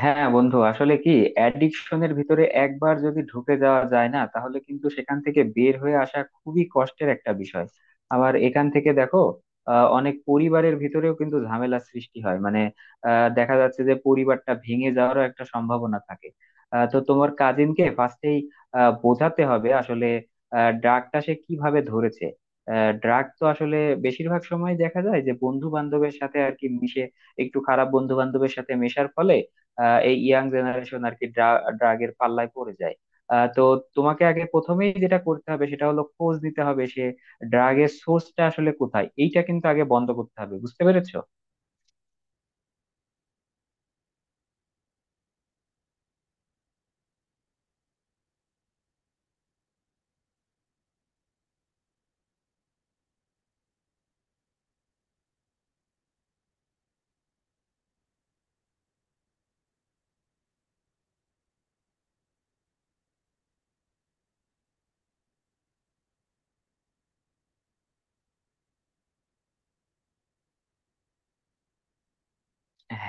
হ্যাঁ বন্ধু, আসলে কি, অ্যাডিকশনের ভিতরে একবার যদি ঢুকে যাওয়া যায় না তাহলে কিন্তু সেখান থেকে বের হয়ে আসা খুবই কষ্টের একটা বিষয়। আবার এখান থেকে দেখো, অনেক পরিবারের ভিতরেও কিন্তু ঝামেলা সৃষ্টি হয় মানে দেখা যাচ্ছে যে পরিবারটা ভেঙে যাওয়ারও একটা সম্ভাবনা থাকে। তো তোমার কাজিনকে ফার্স্টেই বোঝাতে হবে আসলে ড্রাগটা সে কিভাবে ধরেছে। ড্রাগ তো আসলে বেশিরভাগ সময় দেখা যায় যে বন্ধু বান্ধবের সাথে আর কি মিশে, একটু খারাপ বন্ধু বান্ধবের সাথে মেশার ফলে এই ইয়াং জেনারেশন আর কি ড্রাগের পাল্লায় পড়ে যায়। তো তোমাকে আগে প্রথমেই যেটা করতে হবে সেটা হলো খোঁজ নিতে হবে সে ড্রাগের সোর্সটা আসলে কোথায়। এইটা কিন্তু আগে বন্ধ করতে হবে, বুঝতে পেরেছো?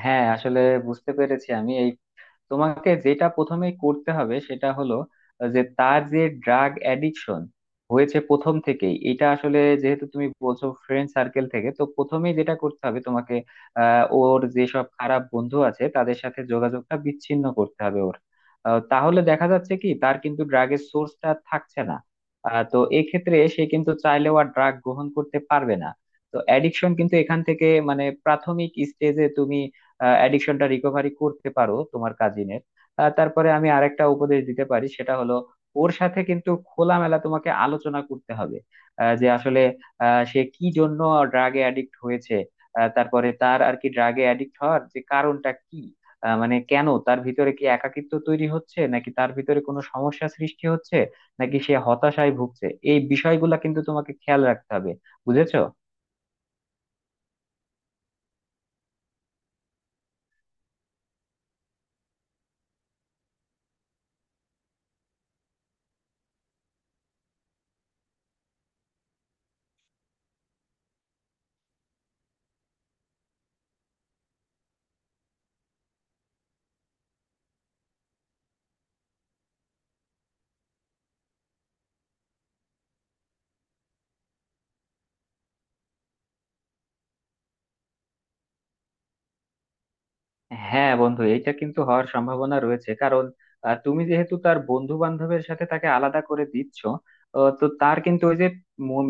হ্যাঁ আসলে বুঝতে পেরেছি আমি। এই তোমাকে যেটা প্রথমে করতে হবে সেটা হলো, যে তার যে ড্রাগ অ্যাডিকশন হয়েছে প্রথম থেকেই, এটা আসলে যেহেতু তুমি বলছো ফ্রেন্ড সার্কেল থেকে, তো প্রথমেই যেটা করতে হবে তোমাকে, ওর যেসব খারাপ বন্ধু আছে তাদের সাথে যোগাযোগটা বিচ্ছিন্ন করতে হবে ওর। তাহলে দেখা যাচ্ছে কি তার কিন্তু ড্রাগের সোর্সটা থাকছে না। তো এক্ষেত্রে সে কিন্তু চাইলেও আর ড্রাগ গ্রহণ করতে পারবে না। তো অ্যাডিকশন কিন্তু এখান থেকে মানে প্রাথমিক স্টেজে তুমি অ্যাডিকশনটা রিকভারি করতে পারো তোমার কাজিনের। তারপরে আমি আরেকটা উপদেশ দিতে পারি, সেটা হলো ওর সাথে কিন্তু খোলামেলা তোমাকে আলোচনা করতে হবে যে আসলে সে কি জন্য ড্রাগে অ্যাডিক্ট হয়েছে। তারপরে তার আর কি ড্রাগে অ্যাডিক্ট হওয়ার যে কারণটা কি, মানে কেন, তার ভিতরে কি একাকিত্ব তৈরি হচ্ছে, নাকি তার ভিতরে কোনো সমস্যা সৃষ্টি হচ্ছে, নাকি সে হতাশায় ভুগছে। এই বিষয়গুলা কিন্তু তোমাকে খেয়াল রাখতে হবে, বুঝেছো? হ্যাঁ বন্ধু, এটা কিন্তু হওয়ার সম্ভাবনা রয়েছে, কারণ তুমি যেহেতু তার বন্ধু বান্ধবের সাথে তাকে আলাদা করে দিচ্ছ। তো তার কিন্তু ওই যে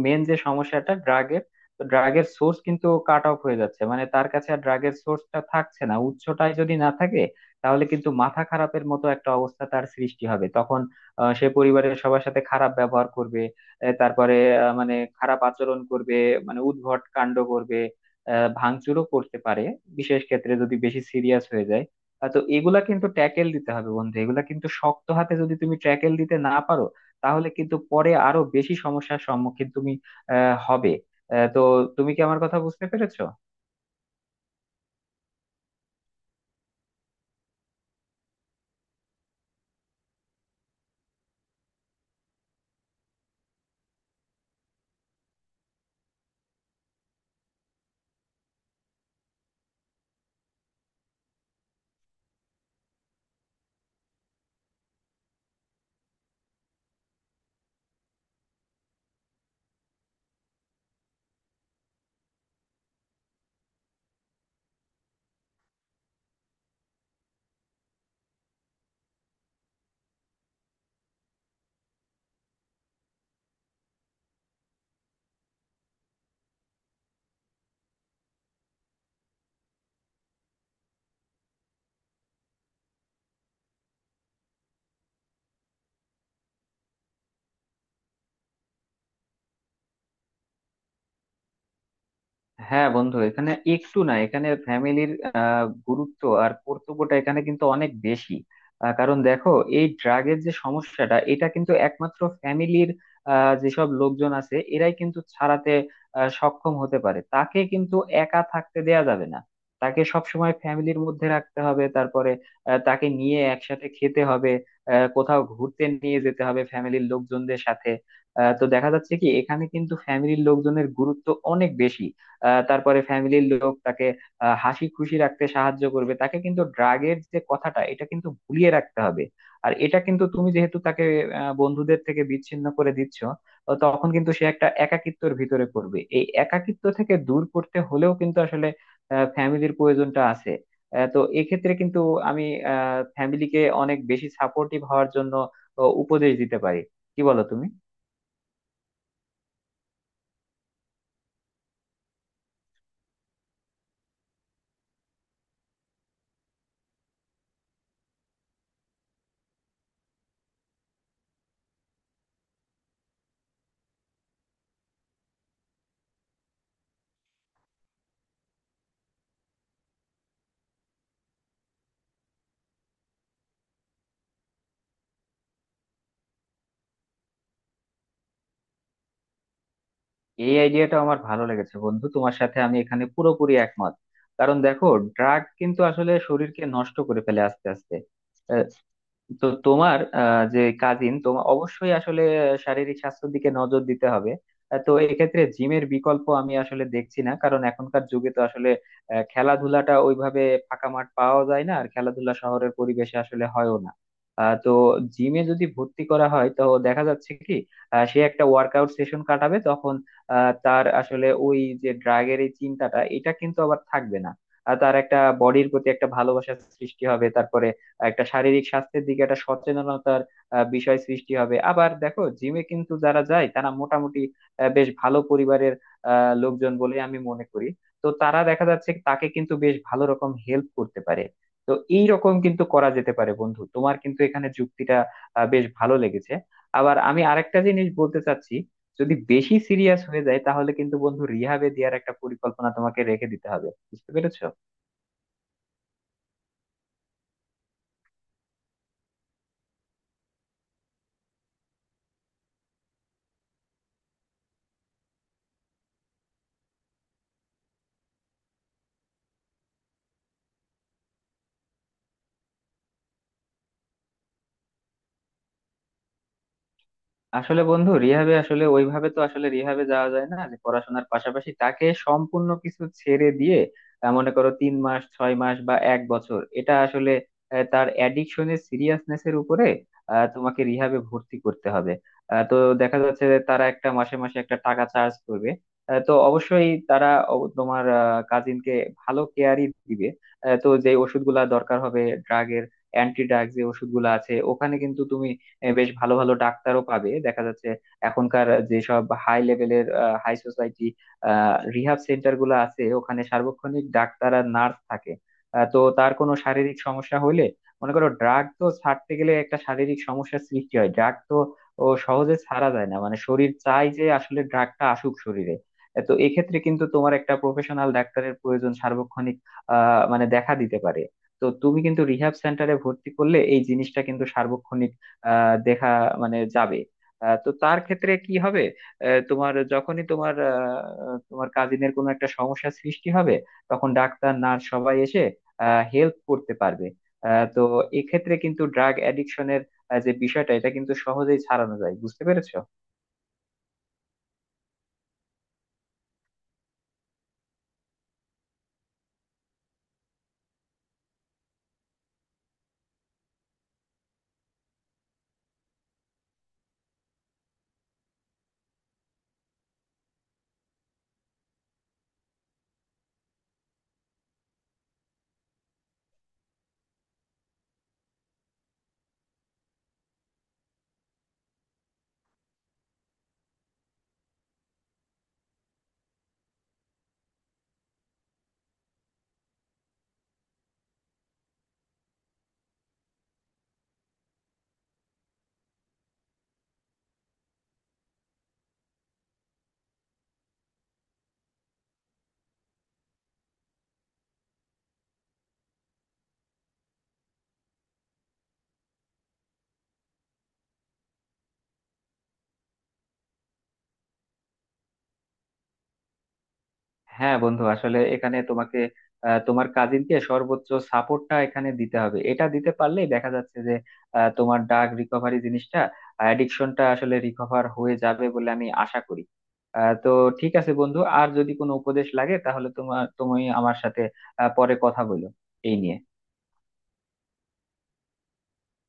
মেন যে সমস্যাটা ড্রাগের, তো ড্রাগের সোর্স কিন্তু কাট অফ হয়ে যাচ্ছে, মানে তার কাছে আর ড্রাগের সোর্সটা থাকছে না। উৎসটাই যদি না থাকে তাহলে কিন্তু মাথা খারাপের মতো একটা অবস্থা তার সৃষ্টি হবে তখন। সে পরিবারের সবার সাথে খারাপ ব্যবহার করবে, তারপরে মানে খারাপ আচরণ করবে, মানে উদ্ভট কাণ্ড করবে, ভাঙচুরও করতে পারে বিশেষ ক্ষেত্রে, যদি বেশি সিরিয়াস হয়ে যায়। তো এগুলা কিন্তু ট্যাকেল দিতে হবে বন্ধু। এগুলা কিন্তু শক্ত হাতে যদি তুমি ট্যাকেল দিতে না পারো তাহলে কিন্তু পরে আরো বেশি সমস্যার সম্মুখীন তুমি হবে। তো তুমি কি আমার কথা বুঝতে পেরেছো? হ্যাঁ বন্ধু, এখানে একটু না, এখানে ফ্যামিলির গুরুত্ব আর কর্তব্যটা এখানে কিন্তু অনেক বেশি। কারণ দেখো, এই ড্রাগের যে সমস্যাটা এটা কিন্তু একমাত্র ফ্যামিলির যেসব লোকজন আছে এরাই কিন্তু ছাড়াতে সক্ষম হতে পারে। তাকে কিন্তু একা থাকতে দেয়া যাবে না। তাকে সবসময় ফ্যামিলির মধ্যে রাখতে হবে, তারপরে তাকে নিয়ে একসাথে খেতে হবে, কোথাও ঘুরতে নিয়ে যেতে হবে ফ্যামিলির লোকজনদের সাথে। তো দেখা যাচ্ছে কি এখানে কিন্তু ফ্যামিলির লোকজনের গুরুত্ব অনেক বেশি। তারপরে ফ্যামিলির লোক তাকে হাসি খুশি রাখতে সাহায্য করবে। তাকে কিন্তু ড্রাগের যে কথাটা এটা কিন্তু ভুলিয়ে রাখতে হবে। আর এটা কিন্তু, তুমি যেহেতু তাকে বন্ধুদের থেকে বিচ্ছিন্ন করে দিচ্ছ, তো তখন কিন্তু সে একটা একাকিত্বের ভিতরে পড়বে। এই একাকিত্ব থেকে দূর করতে হলেও কিন্তু আসলে ফ্যামিলির প্রয়োজনটা আছে। তো এক্ষেত্রে কিন্তু আমি ফ্যামিলিকে অনেক বেশি সাপোর্টিভ হওয়ার জন্য উপদেশ দিতে পারি। কি বলো তুমি? এই আইডিয়াটা আমার ভালো লেগেছে বন্ধু, তোমার সাথে আমি এখানে পুরোপুরি একমত। কারণ দেখো, ড্রাগ কিন্তু আসলে শরীরকে নষ্ট করে ফেলে আস্তে আস্তে। তো তোমার যে কাজিন তোমার, অবশ্যই আসলে শারীরিক স্বাস্থ্যের দিকে নজর দিতে হবে। তো এক্ষেত্রে জিমের বিকল্প আমি আসলে দেখছি না, কারণ এখনকার যুগে তো আসলে খেলাধুলাটা ওইভাবে ফাঁকা মাঠ পাওয়া যায় না আর খেলাধুলা শহরের পরিবেশে আসলে হয়ও না। তো জিমে যদি ভর্তি করা হয় তো দেখা যাচ্ছে কি সে একটা ওয়ার্কআউট সেশন কাটাবে তখন। তার আসলে ওই যে ড্রাগের এই চিন্তাটা এটা কিন্তু আবার থাকবে না। আর তার একটা বডির প্রতি একটা ভালোবাসার সৃষ্টি হবে, তারপরে একটা শারীরিক স্বাস্থ্যের দিকে একটা সচেতনতার বিষয় সৃষ্টি হবে। আবার দেখো, জিমে কিন্তু যারা যায় তারা মোটামুটি বেশ ভালো পরিবারের লোকজন বলে আমি মনে করি। তো তারা দেখা যাচ্ছে তাকে কিন্তু বেশ ভালো রকম হেল্প করতে পারে। তো এই রকম কিন্তু করা যেতে পারে বন্ধু। তোমার কিন্তু এখানে যুক্তিটা বেশ ভালো লেগেছে। আবার আমি আরেকটা জিনিস বলতে চাচ্ছি, যদি বেশি সিরিয়াস হয়ে যায় তাহলে কিন্তু বন্ধু রিহাবে দেওয়ার একটা পরিকল্পনা তোমাকে রেখে দিতে হবে, বুঝতে পেরেছো? আসলে বন্ধু, রিহাবে আসলে ওইভাবে তো আসলে রিহাবে যাওয়া যায় না যে পড়াশোনার পাশাপাশি, তাকে সম্পূর্ণ কিছু ছেড়ে দিয়ে মনে করো তিন মাস, ছয় মাস বা এক বছর, এটা আসলে তার অ্যাডিকশনের সিরিয়াসনেস এর উপরে, তোমাকে রিহাবে ভর্তি করতে হবে। তো দেখা যাচ্ছে যে তারা একটা মাসে মাসে একটা টাকা চার্জ করবে। তো অবশ্যই তারা তোমার কাজিনকে ভালো কেয়ারই দিবে। তো যে ওষুধগুলা দরকার হবে ড্রাগের, অ্যান্টি ড্রাগ যে ওষুধগুলো আছে, ওখানে কিন্তু তুমি বেশ ভালো ভালো ডাক্তারও পাবে দেখা যাচ্ছে। এখনকার যেসব হাই লেভেলের হাই সোসাইটি রিহাব সেন্টার গুলো আছে, ওখানে সার্বক্ষণিক ডাক্তার আর নার্স থাকে। তো তার কোনো শারীরিক সমস্যা হলে, মনে করো, ড্রাগ তো ছাড়তে গেলে একটা শারীরিক সমস্যার সৃষ্টি হয়। ড্রাগ তো ও সহজে ছাড়া যায় না, মানে শরীর চাই যে আসলে ড্রাগটা আসুক শরীরে। তো এক্ষেত্রে কিন্তু তোমার একটা প্রফেশনাল ডাক্তারের প্রয়োজন সার্বক্ষণিক মানে দেখা দিতে পারে। তো তুমি কিন্তু রিহ্যাব সেন্টারে ভর্তি করলে এই জিনিসটা কিন্তু দেখা মানে যাবে। তো তার ক্ষেত্রে কি হবে, আহ, তোমার যখনই তোমার আহ, তোমার কাজিনের কোনো একটা সমস্যা সৃষ্টি হবে তখন ডাক্তার নার্স সবাই এসে হেল্প করতে পারবে। তো এক্ষেত্রে কিন্তু ড্রাগ অ্যাডিকশনের যে বিষয়টা এটা কিন্তু সহজেই ছাড়ানো যায়, বুঝতে পেরেছো? হ্যাঁ বন্ধু, আসলে এখানে তোমাকে তোমার কাজিনকে সর্বোচ্চ সাপোর্টটা এখানে দিতে হবে। এটা দিতে পারলেই দেখা যাচ্ছে যে তোমার ড্রাগ রিকভারি জিনিসটা, অ্যাডিকশনটা আসলে রিকভার হয়ে যাবে বলে আমি আশা করি। তো ঠিক আছে বন্ধু, আর যদি কোনো উপদেশ লাগে তাহলে তুমি আমার সাথে পরে কথা বলো এই নিয়ে।